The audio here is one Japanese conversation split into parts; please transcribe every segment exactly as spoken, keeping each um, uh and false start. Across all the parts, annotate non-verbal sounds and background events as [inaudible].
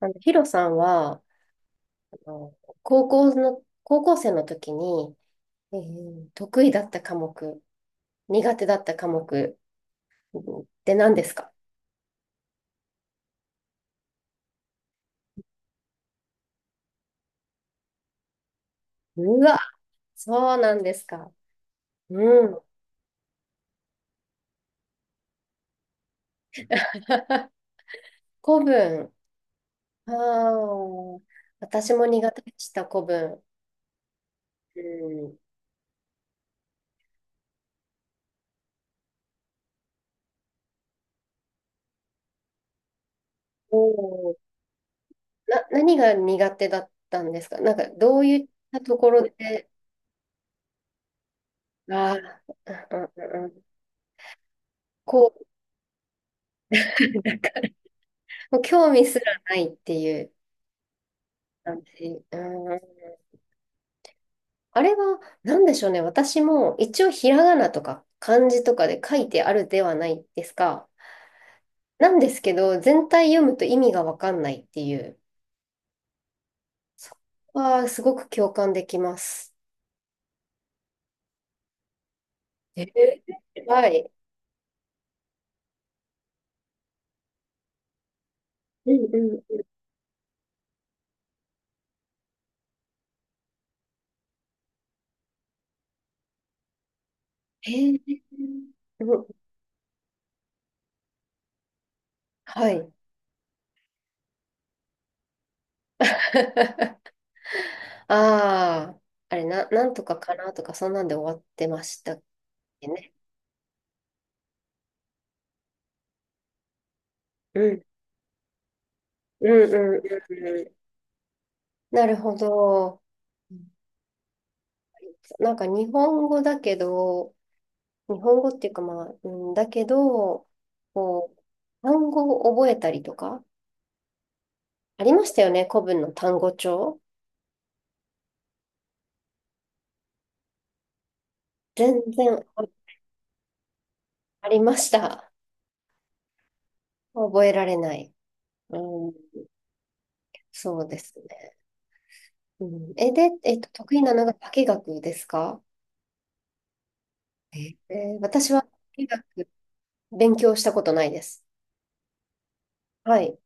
あの、ヒロさんは、あの、高校の、高校生の時に、えー得意だった科目、苦手だった科目うんって何ですか？うわ、そうなんですか。うん。[laughs] 古文。ああ、私も苦手でした、古文。うん。おー、な、何が苦手だったんですか？なんか、どういったところで。ああ、うんうん。うん、こう、[laughs] なんかもう興味すらないっていう。なんうん。あれは、なんでしょうね。私も一応ひらがなとか漢字とかで書いてあるではないですか。なんですけど、全体読むと意味がわかんないっていう。そこはすごく共感できます。えー、はい。うんうん。えー、うん、はい。[laughs] ああ、あれ、な、なんとかかな、とか、そんなんで終わってましたっけね。うん。うんうんうんうん。なるほど。なんか日本語だけど、日本語っていうかまあ、うん、だけど、こう、単語を覚えたりとか、ありましたよね、古文の単語帳。全然あありました。覚えられない。うん、そうですね。うん、え、で、えっと、得意なのが化学ですか？えー、私は化学勉強したことないです。はい。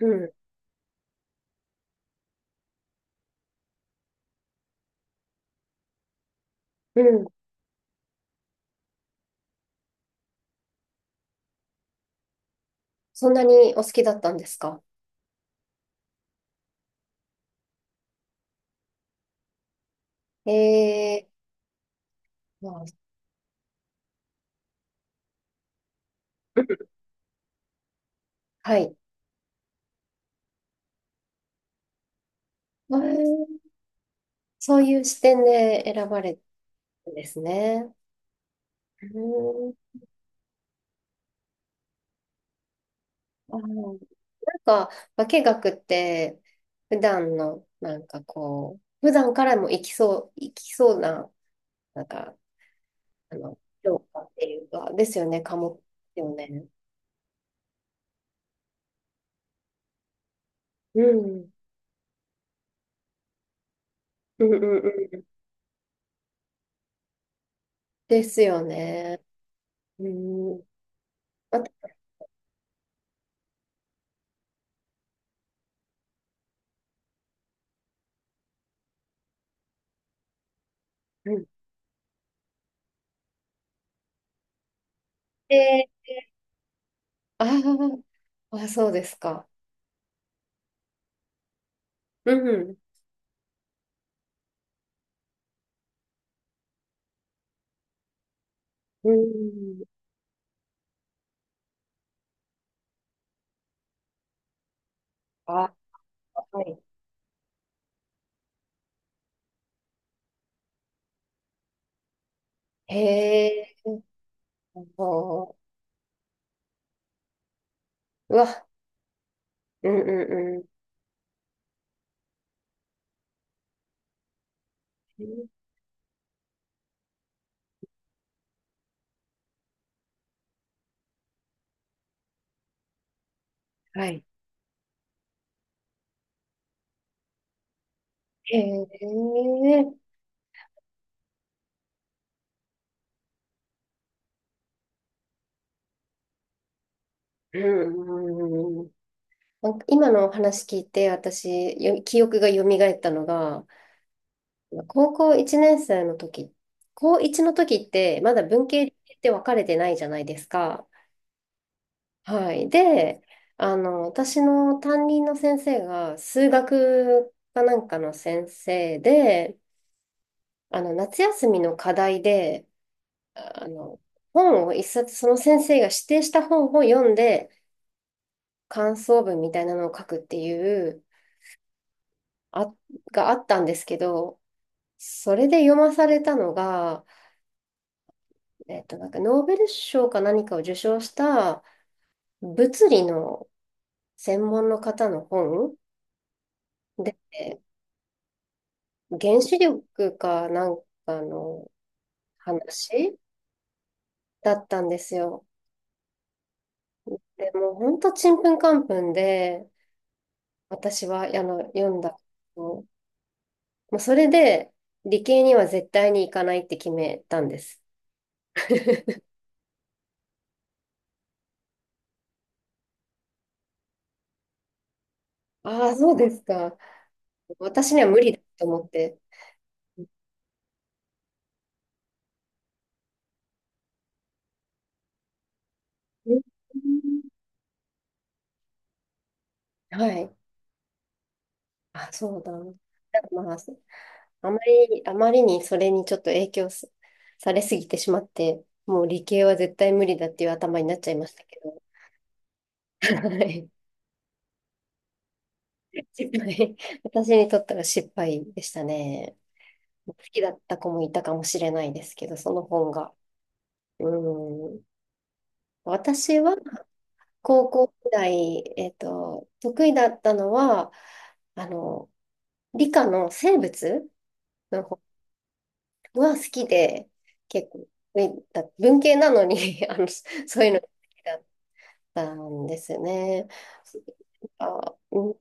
うん。うん。そんなにお好きだったんですか？えー、まあ、うん、はい。えー、そういう視点で選ばれてるんですね。うん。あの、なんか、化学って、普段の、なんかこう、普段からも生きそう、生きそうな、なんか、あの、評価っていうか、ですよね、科目ですよね。うん。うんうんうん。ですよね。うん。あ、うん、で、あー、あ、そうですか。うん。うん。あ、はい。へえ。あの、うわ、うんうんうん。はい。へえ。うんうんうん。なんか今のお話聞いて、私、よ記憶が蘇ったのが、高校いちねん生の時、高いちの時って、まだ文系理系って分かれてないじゃないですか。はい。で、あの、私の担任の先生が、数学かなんかの先生で、あの、夏休みの課題で、あの、本を一冊、その先生が指定した本を読んで、感想文みたいなのを書くっていう、あ、があったんですけど、それで読まされたのが、えっと、なんかノーベル賞か何かを受賞した物理の専門の方の本で、原子力かなんかの話だったんですよ。でもうほんとちんぷんかんぷんで、私はあの読んだ。もうそれで、理系には絶対に行かないって決めたんです。[laughs] ああ、そうですか。私には無理だと思って。うん、はい。あ、そうだ。なんか、まあ、あまり、あまりにそれにちょっと影響すされすぎてしまって、もう理系は絶対無理だっていう頭になっちゃいましたけど、はい。失敗。私にとっては失敗でしたね。好きだった子もいたかもしれないですけど、その本が。うん。私は高校時代、えっと、得意だったのは、あの、理科の生物の方が好きで、結構、えだ文系なのに [laughs] あの、そういうのが好きだったんですね。あ、うん、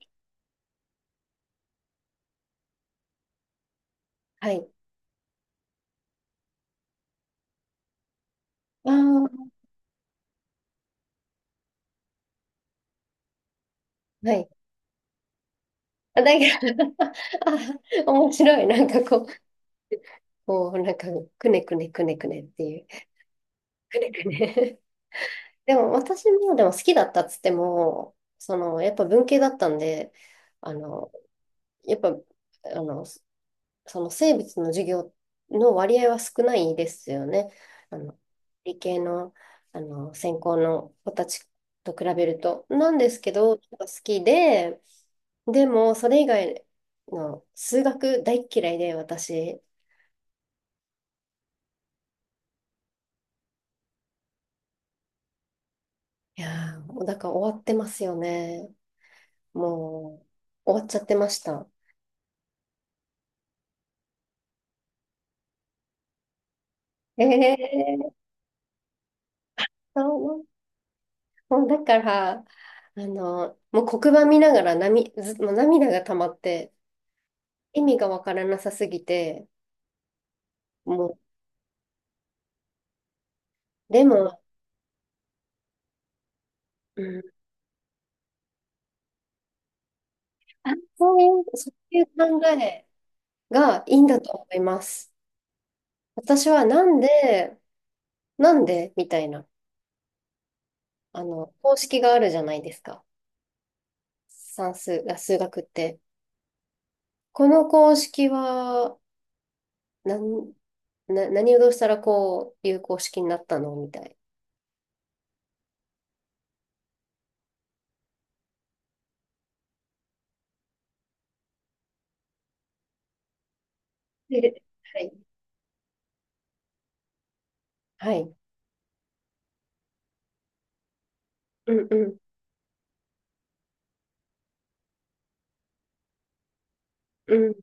はい。あー、はい。あ、だけど [laughs] あ、面白い。なんかこう、こう、なんか、くねくねくねくねっていう。くねくね。でも私もでも好きだったっつっても、そのやっぱ文系だったんで、あの、やっぱ、あの、そその生物の授業の割合は少ないですよね。あの、理系の、あの、専攻の子たちと比べると。なんですけど、やっぱ好きで、でもそれ以外の数学大っ嫌いで私。いやー、もうだから終わってますよね。もう、終わっちゃってました。ええ。そう、もうだから、あの、もう黒板見ながら涙、ず、もう涙が溜まって、意味がわからなさすぎて、もう、でも、うん、あ、そういう、そういう考えがいいんだと思います。私はなんで、なんでみたいな、あの、公式があるじゃないですか。算数、あ、数学って。この公式は、なん、な、何をどうしたらこういう公式になったのみたい。で、はい。はい。うんうんうん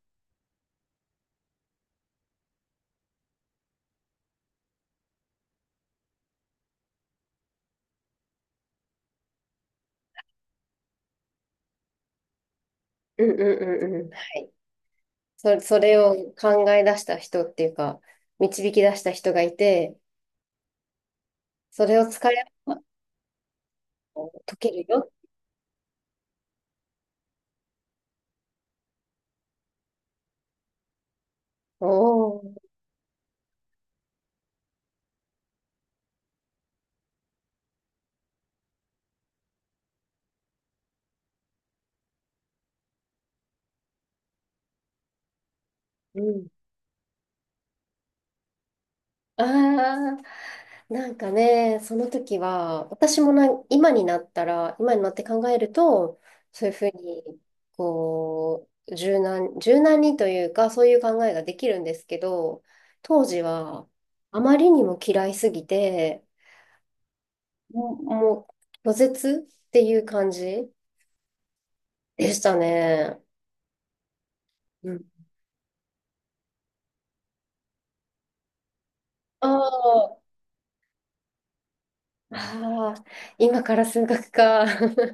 うんうんうんうん。はい。そ、それを考え出した人っていうか、導き出した人がいて、それを使えば解けるよ。おー、うん、ああ、なんかね、その時は、私もな、今になったら、今になって考えると、そういうふうに、こう、柔軟、柔軟にというか、そういう考えができるんですけど、当時は、あまりにも嫌いすぎて、もう、もう拒絶っていう感じでしたね。うん。ああ、ああ、今から数学か。[laughs]